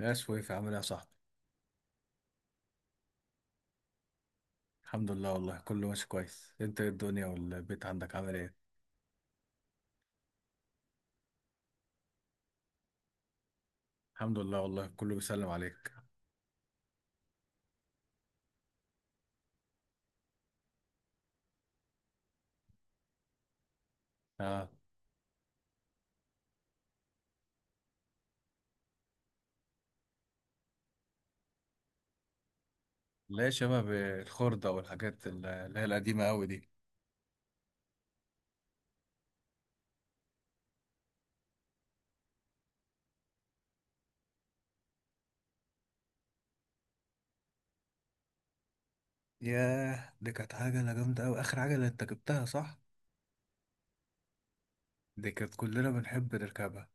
يا شويف، عامل ايه يا صاحبي؟ الحمد لله والله، كله ماشي كويس. انت ايه؟ الدنيا والبيت عندك عامل ايه؟ الحمد لله والله، كله بيسلم عليك. اه. لا، شباب الخردة والحاجات اللي هي القديمة قوي دي. ياه، دي كانت عجلة جامدة قوي، اخر عجلة انت جبتها، صح؟ دي كانت كلنا بنحب نركبها.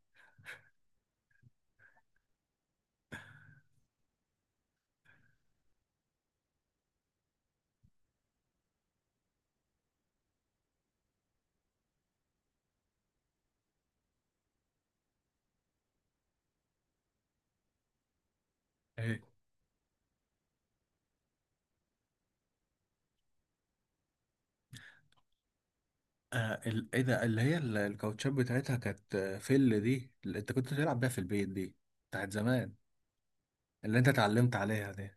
ايه؟ آه، ايه ده؟ اللي هي الكاوتشات بتاعتها كانت، فل، دي اللي انت كنت تلعب بيها في البيت دي. بتاعت زمان. اللي انت اتعلمت عليها دي.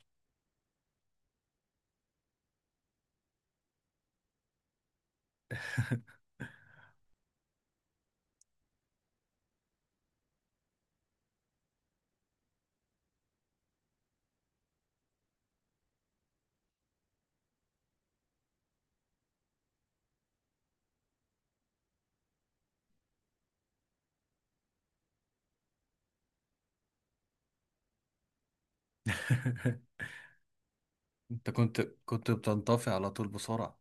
انت كنت بتنطفي على طول بسرعة.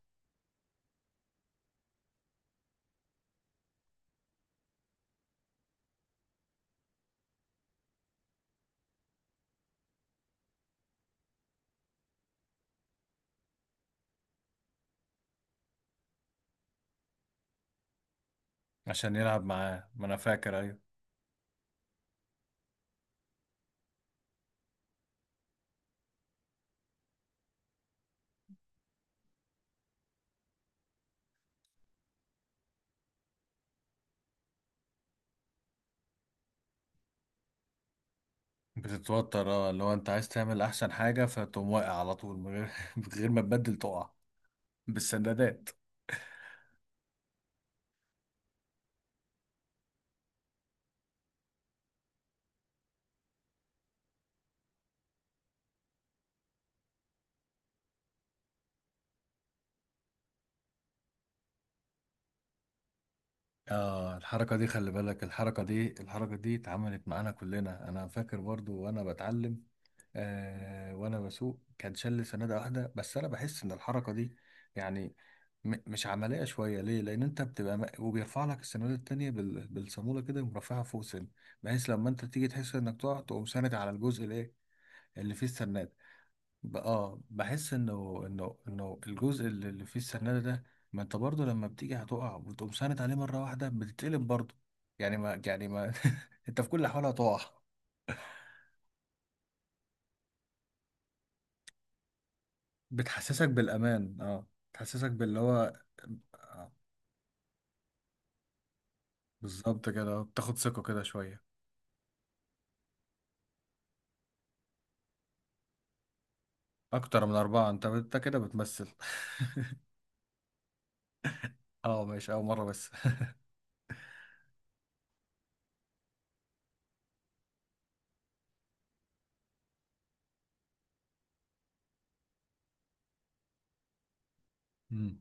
عشان يلعب معاه، ما انا فاكر. ايوه. بتتوتر، اه، اللي هو انت عايز تعمل احسن حاجه، فتقوم واقع على طول من غير من غير ما تبدل تقع. بالسندادات. اه، الحركه دي خلي بالك، الحركه دي اتعملت معانا كلنا. انا فاكر برضو وانا بتعلم. آه، وانا بسوق كان شل سناده واحده. بس انا بحس ان الحركه دي، يعني، مش عمليه شويه. ليه؟ لان انت بتبقى، وبيرفع لك السناده التانيه بالصاموله كده، يقوم رافعها فوق سن. بحيث لما انت تيجي تحس انك تقع، تقوم ساند على الجزء الايه، اللي فيه السرناد. بحس انه الجزء اللي فيه السرناد ده. ما انت برضه لما بتيجي هتقع، وتقوم ساند عليه مره واحده بتتقلب برضه. يعني ما انت في كل الاحوال هتقع. بتحسسك بالامان، اه، بتحسسك باللي هو. آه. بالظبط كده، بتاخد ثقه كده شويه. اكتر من اربعه، انت كده بتمثل. اه ماشي، اول مره بس. مم.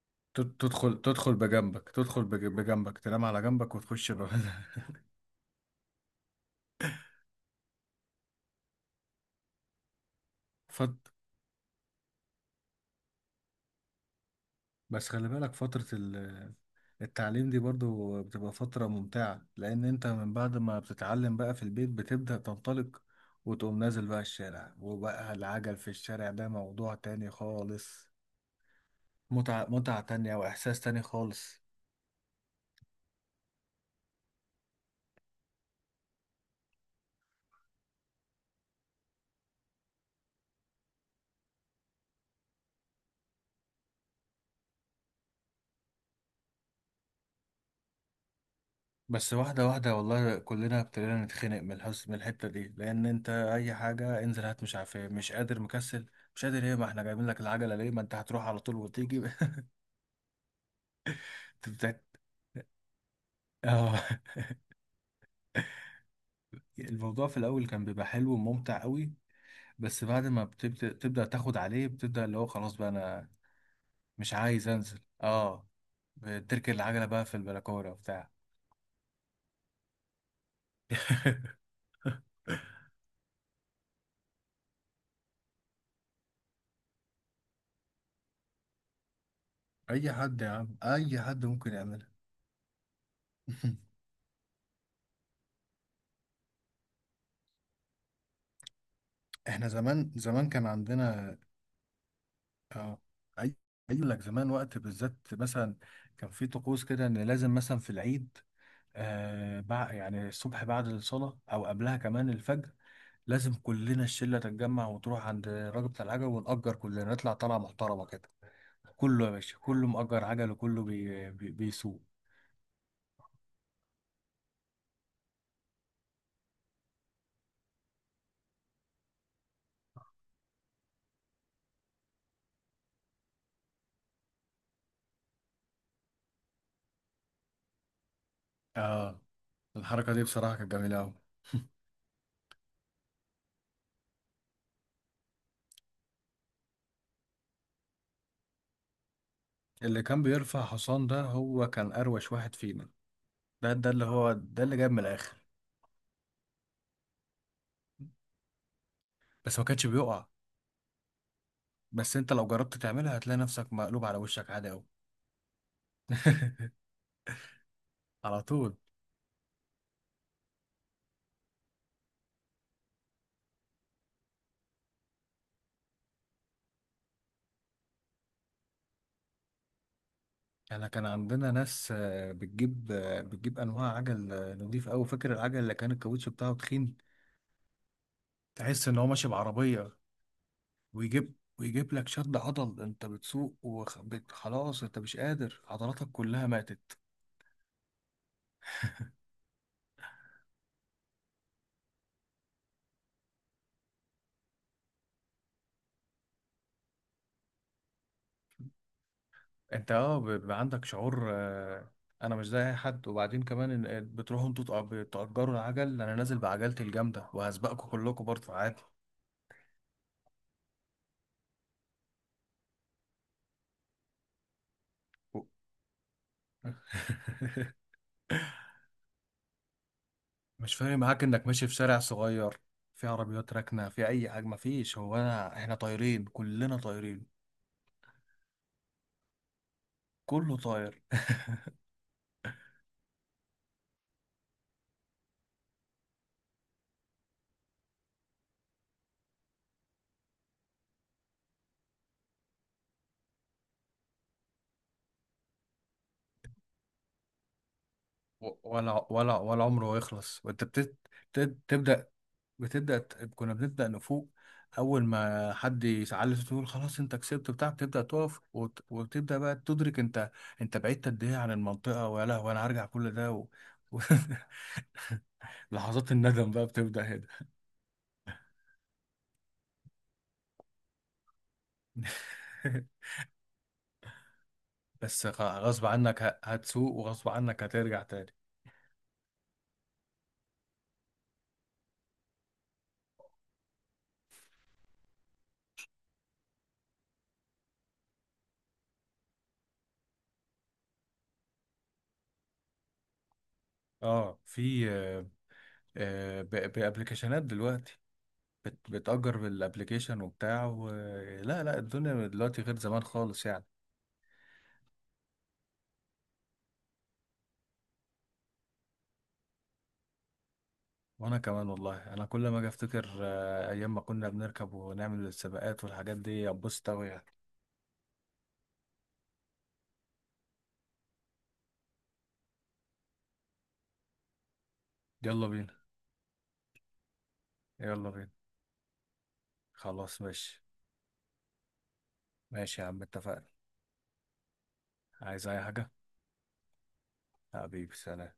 تدخل بجنبك، تدخل بجنبك، تنام على جنبك وتخش. فت... بس خلي بالك، فترة التعليم دي برضو بتبقى فترة ممتعة، لأن أنت من بعد ما بتتعلم بقى في البيت بتبدأ تنطلق، وتقوم نازل بقى الشارع، وبقى العجل في الشارع ده موضوع تاني خالص. متعة، متعة تانية، وإحساس تاني خالص. بس واحدة واحدة، والله كلنا ابتدينا نتخنق من الحس، من الحتة دي. لأن أنت أي حاجة، انزل هات، مش عارف إيه، مش قادر، مكسل، مش قادر إيه. ما إحنا جايبين لك العجلة ليه؟ ما أنت هتروح على طول وتيجي. تبدأ، آه، الموضوع في الأول كان بيبقى حلو وممتع أوي. بس بعد ما بتبدأ، تبدأ تاخد عليه، بتبدأ اللي هو خلاص بقى أنا مش عايز أنزل. اه، بتركن العجلة بقى في البلكونة وبتاع. اي حد يا عم، اي حد ممكن يعملها. احنا زمان زمان كان عندنا. اه، اي، اقول لك زمان وقت بالذات، مثلا كان في طقوس كده، ان لازم مثلا في العيد، يعني الصبح بعد الصلاة، او قبلها كمان الفجر، لازم كلنا الشلة تتجمع وتروح عند الراجل بتاع العجل، ونأجر كلنا، نطلع طلعة محترمة كده. كله يا باشا، كله مأجر عجل، وكله بيسوق. اه، الحركة دي بصراحة كانت جميلة أوي. اللي كان بيرفع حصان ده هو كان أروش واحد فينا. ده، اللي هو ده اللي جايب من الآخر. بس ما كانش بيقع. بس أنت لو جربت تعملها، هتلاقي نفسك مقلوب على وشك عادي أوي. على طول. احنا كان عندنا ناس، بتجيب أنواع عجل، نضيف أوي. فاكر العجل اللي كان الكاوتش بتاعه تخين، تحس إن هو ماشي بعربية. ويجيب لك شد عضل، انت بتسوق وخلاص، انت مش قادر، عضلاتك كلها ماتت. انت، اه، بيبقى عندك شعور، انا مش زي اي حد. وبعدين كمان بتروحوا انتوا، بتأجروا العجل، انا نازل بعجلتي الجامدة وهسبقكم كلكم برضه عادي. مش فارق معاك انك ماشي في شارع صغير، في عربيات راكنة، في اي حاجة، مفيش. هو انا، احنا طايرين، كلنا طايرين. كله طاير. ولا عمره يخلص، وانت تبدأ، بتبدا كنا بنبدا نفوق. اول ما حد يسعل، تقول خلاص انت كسبت، بتاع، بتبدا تقف وتبدا بقى تدرك انت بعدت قد ايه عن المنطقه. ويا لهوي، انا هرجع كل ده و... لحظات الندم بقى بتبدا هنا. بس غصب عنك هتسوق، وغصب عنك هترجع تاني. اه، في، بابليكيشنات دلوقتي، بتأجر بالابليكيشن وبتاع. لا لا، الدنيا دلوقتي غير زمان خالص يعني. وانا كمان والله، انا كل ما اجي افتكر، ايام ما كنا بنركب ونعمل السباقات والحاجات دي، ابص قوي يعني. يلا بينا. يلا بينا، خلاص ماشي. ماشي يا عم، اتفقنا. عايز اي حاجة؟ حبيبي سلام.